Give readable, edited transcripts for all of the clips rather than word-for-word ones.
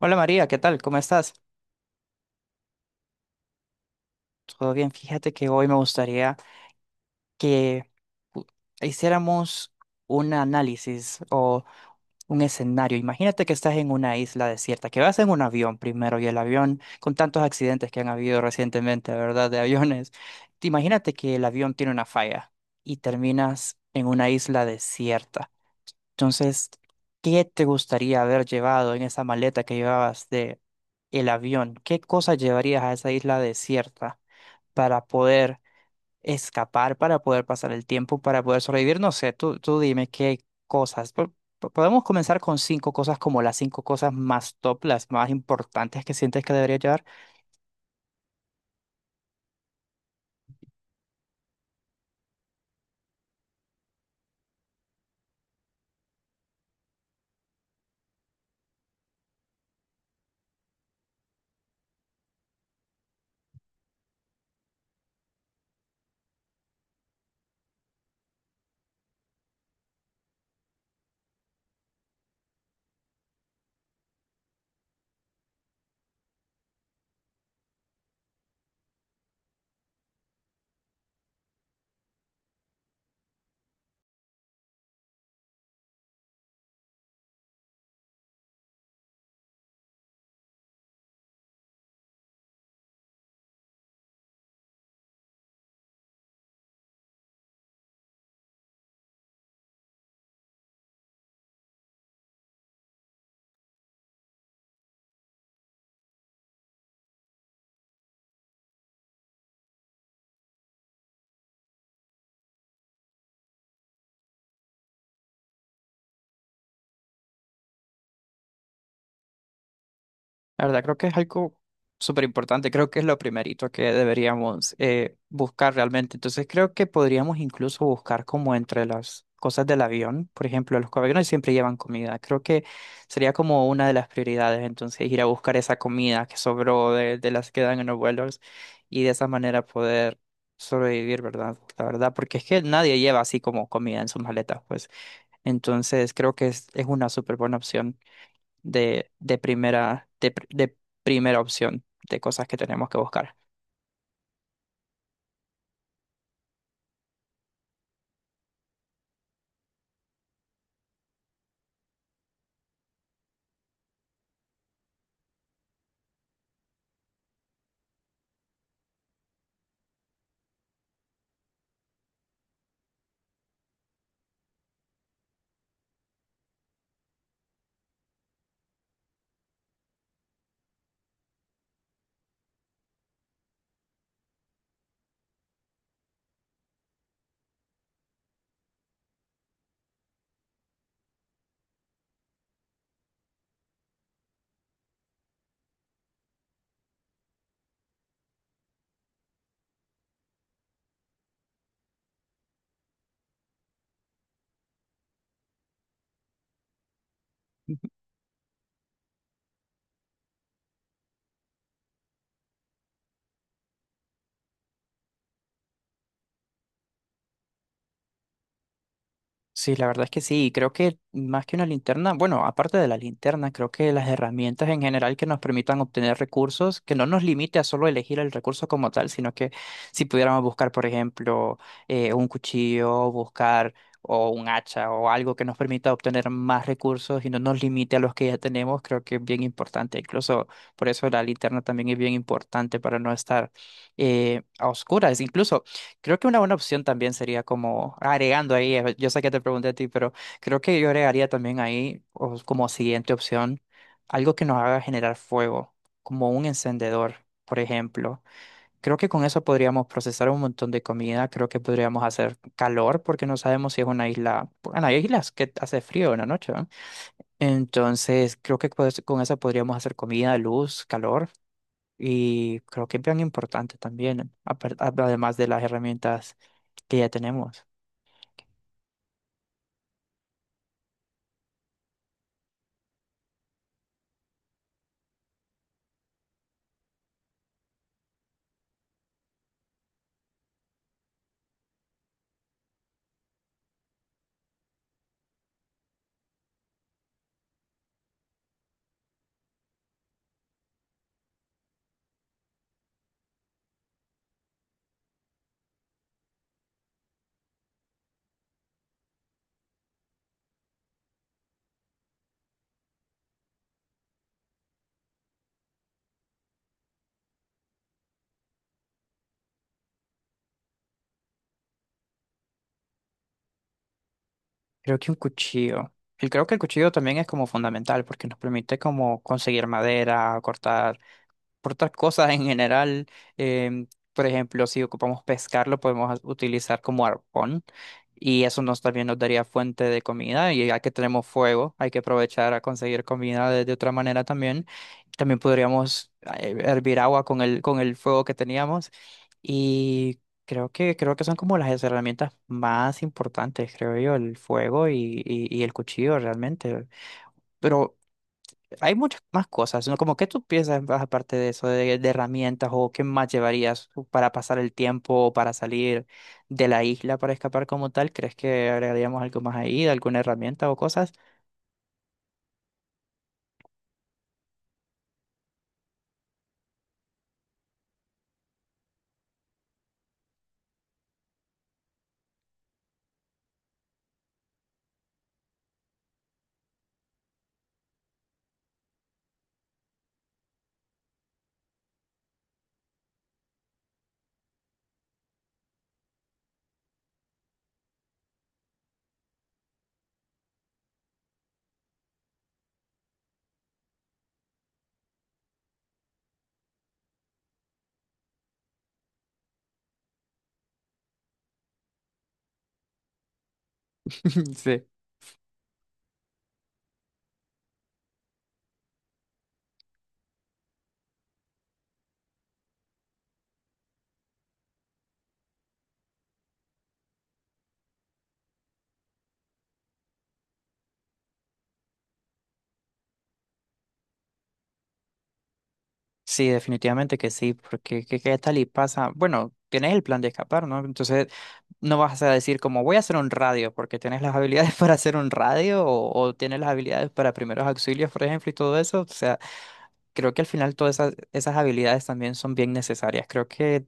Hola María, ¿qué tal? ¿Cómo estás? Todo bien, fíjate que hoy me gustaría que u- hiciéramos un análisis o un escenario. Imagínate que estás en una isla desierta, que vas en un avión primero y el avión, con tantos accidentes que han habido recientemente, ¿verdad? De aviones. Te imagínate que el avión tiene una falla y terminas en una isla desierta. Entonces, ¿qué te gustaría haber llevado en esa maleta que llevabas de el avión? ¿Qué cosas llevarías a esa isla desierta? Para poder escapar, para poder pasar el tiempo, para poder sobrevivir. No sé, tú dime qué cosas. Podemos comenzar con cinco cosas como las cinco cosas más top, las más importantes que sientes que debería llevar. La verdad, creo que es algo súper importante. Creo que es lo primerito que deberíamos buscar realmente. Entonces, creo que podríamos incluso buscar como entre las cosas del avión. Por ejemplo, los aviones siempre llevan comida. Creo que sería como una de las prioridades. Entonces, ir a buscar esa comida que sobró de las que dan en los vuelos y de esa manera poder sobrevivir, ¿verdad? La verdad, porque es que nadie lleva así como comida en sus maletas, pues. Entonces, creo que es una súper buena opción de primera opción de cosas que tenemos que buscar. Sí, la verdad es que sí, y creo que más que una linterna, bueno, aparte de la linterna, creo que las herramientas en general que nos permitan obtener recursos, que no nos limite a solo elegir el recurso como tal, sino que si pudiéramos buscar, por ejemplo, un cuchillo, buscar o un hacha o algo que nos permita obtener más recursos y no nos limite a los que ya tenemos, creo que es bien importante. Incluso por eso la linterna también es bien importante para no estar a oscuras. Incluso creo que una buena opción también sería como agregando ahí, yo sé que te pregunté a ti, pero creo que yo agregaría también ahí o como siguiente opción algo que nos haga generar fuego, como un encendedor, por ejemplo. Creo que con eso podríamos procesar un montón de comida, creo que podríamos hacer calor porque no sabemos si es una isla, bueno, hay islas que hace frío en la noche, ¿no? Entonces creo que pues, con eso podríamos hacer comida, luz, calor. Y creo que es bien importante también, además de las herramientas que ya tenemos. Creo que un cuchillo. Y creo que el cuchillo también es como fundamental porque nos permite como conseguir madera, cortar por otras cosas en general. em, por ejemplo, si ocupamos pescar, lo podemos utilizar como arpón y eso nos también nos daría fuente de comida y ya que tenemos fuego, hay que aprovechar a conseguir comida de otra manera también. También podríamos hervir agua con con el fuego que teníamos y creo que son como las herramientas más importantes, creo yo, el fuego y el cuchillo realmente. Pero hay muchas más cosas, ¿no? Como que tú piensas más aparte de eso, de herramientas o qué más llevarías para pasar el tiempo o para salir de la isla para escapar como tal. ¿Crees que agregaríamos algo más ahí, de alguna herramienta o cosas? Sí. Sí, definitivamente que sí, porque ¿qué, qué tal y pasa? Bueno, tienes el plan de escapar, ¿no? Entonces no vas a decir como voy a hacer un radio, porque tienes las habilidades para hacer un radio o tienes las habilidades para primeros auxilios, por ejemplo, y todo eso. O sea, creo que al final todas esas habilidades también son bien necesarias. Creo que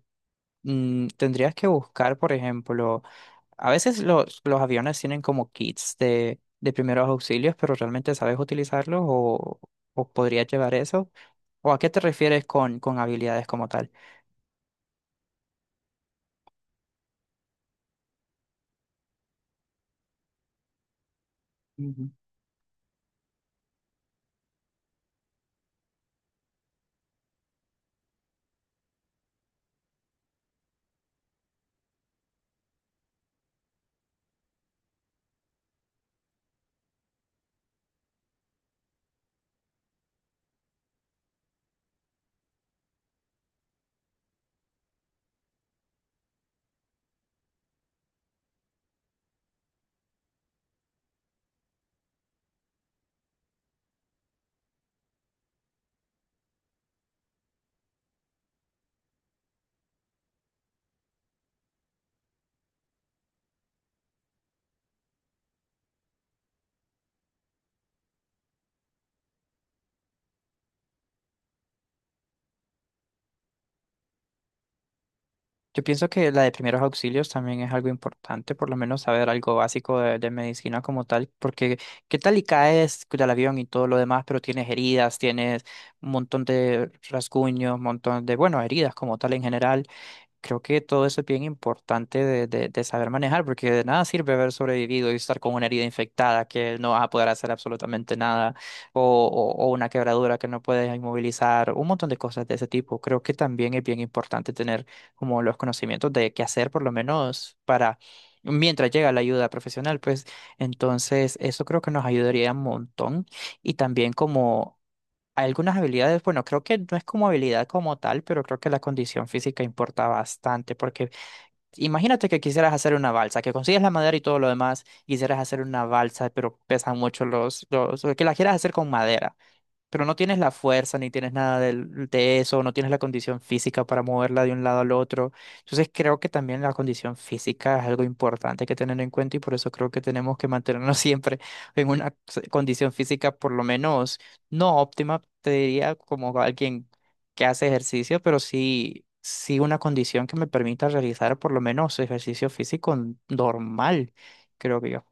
tendrías que buscar, por ejemplo, a veces los aviones tienen como kits de primeros auxilios, pero realmente sabes utilizarlos o podrías llevar eso. ¿O a qué te refieres con habilidades como tal? Yo pienso que la de primeros auxilios también es algo importante, por lo menos saber algo básico de medicina como tal, porque qué tal y caes del avión y todo lo demás, pero tienes heridas, tienes un montón de rasguños, un montón de, bueno, heridas como tal en general. Creo que todo eso es bien importante de saber manejar, porque de nada sirve haber sobrevivido y estar con una herida infectada que no vas a poder hacer absolutamente nada, o, o una quebradura que no puedes inmovilizar, un montón de cosas de ese tipo. Creo que también es bien importante tener como los conocimientos de qué hacer, por lo menos para mientras llega la ayuda profesional, pues entonces eso creo que nos ayudaría un montón y también como... Hay algunas habilidades, bueno, creo que no es como habilidad como tal, pero creo que la condición física importa bastante, porque imagínate que quisieras hacer una balsa, que consigues la madera y todo lo demás, quisieras hacer una balsa, pero pesan mucho los, o que la quieras hacer con madera pero no tienes la fuerza ni tienes nada eso, no tienes la condición física para moverla de un lado al otro. Entonces creo que también la condición física es algo importante que tener en cuenta y por eso creo que tenemos que mantenernos siempre en una condición física por lo menos no óptima, te diría como alguien que hace ejercicio, pero sí una condición que me permita realizar por lo menos ejercicio físico normal, creo que yo.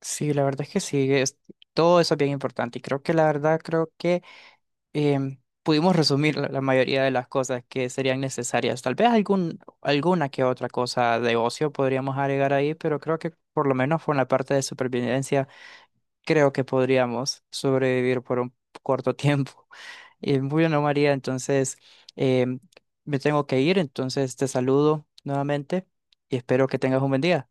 Sí, la verdad es que sí, todo eso es bien importante y creo que la verdad creo que pudimos resumir la mayoría de las cosas que serían necesarias. Tal vez algún, alguna que otra cosa de ocio podríamos agregar ahí, pero creo que por lo menos por la parte de supervivencia creo que podríamos sobrevivir por un corto tiempo. Muy bien, María, entonces em, me tengo que ir, entonces te saludo nuevamente y espero que tengas un buen día.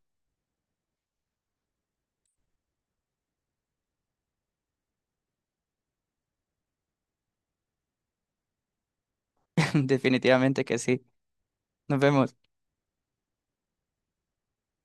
Definitivamente que sí. Nos vemos.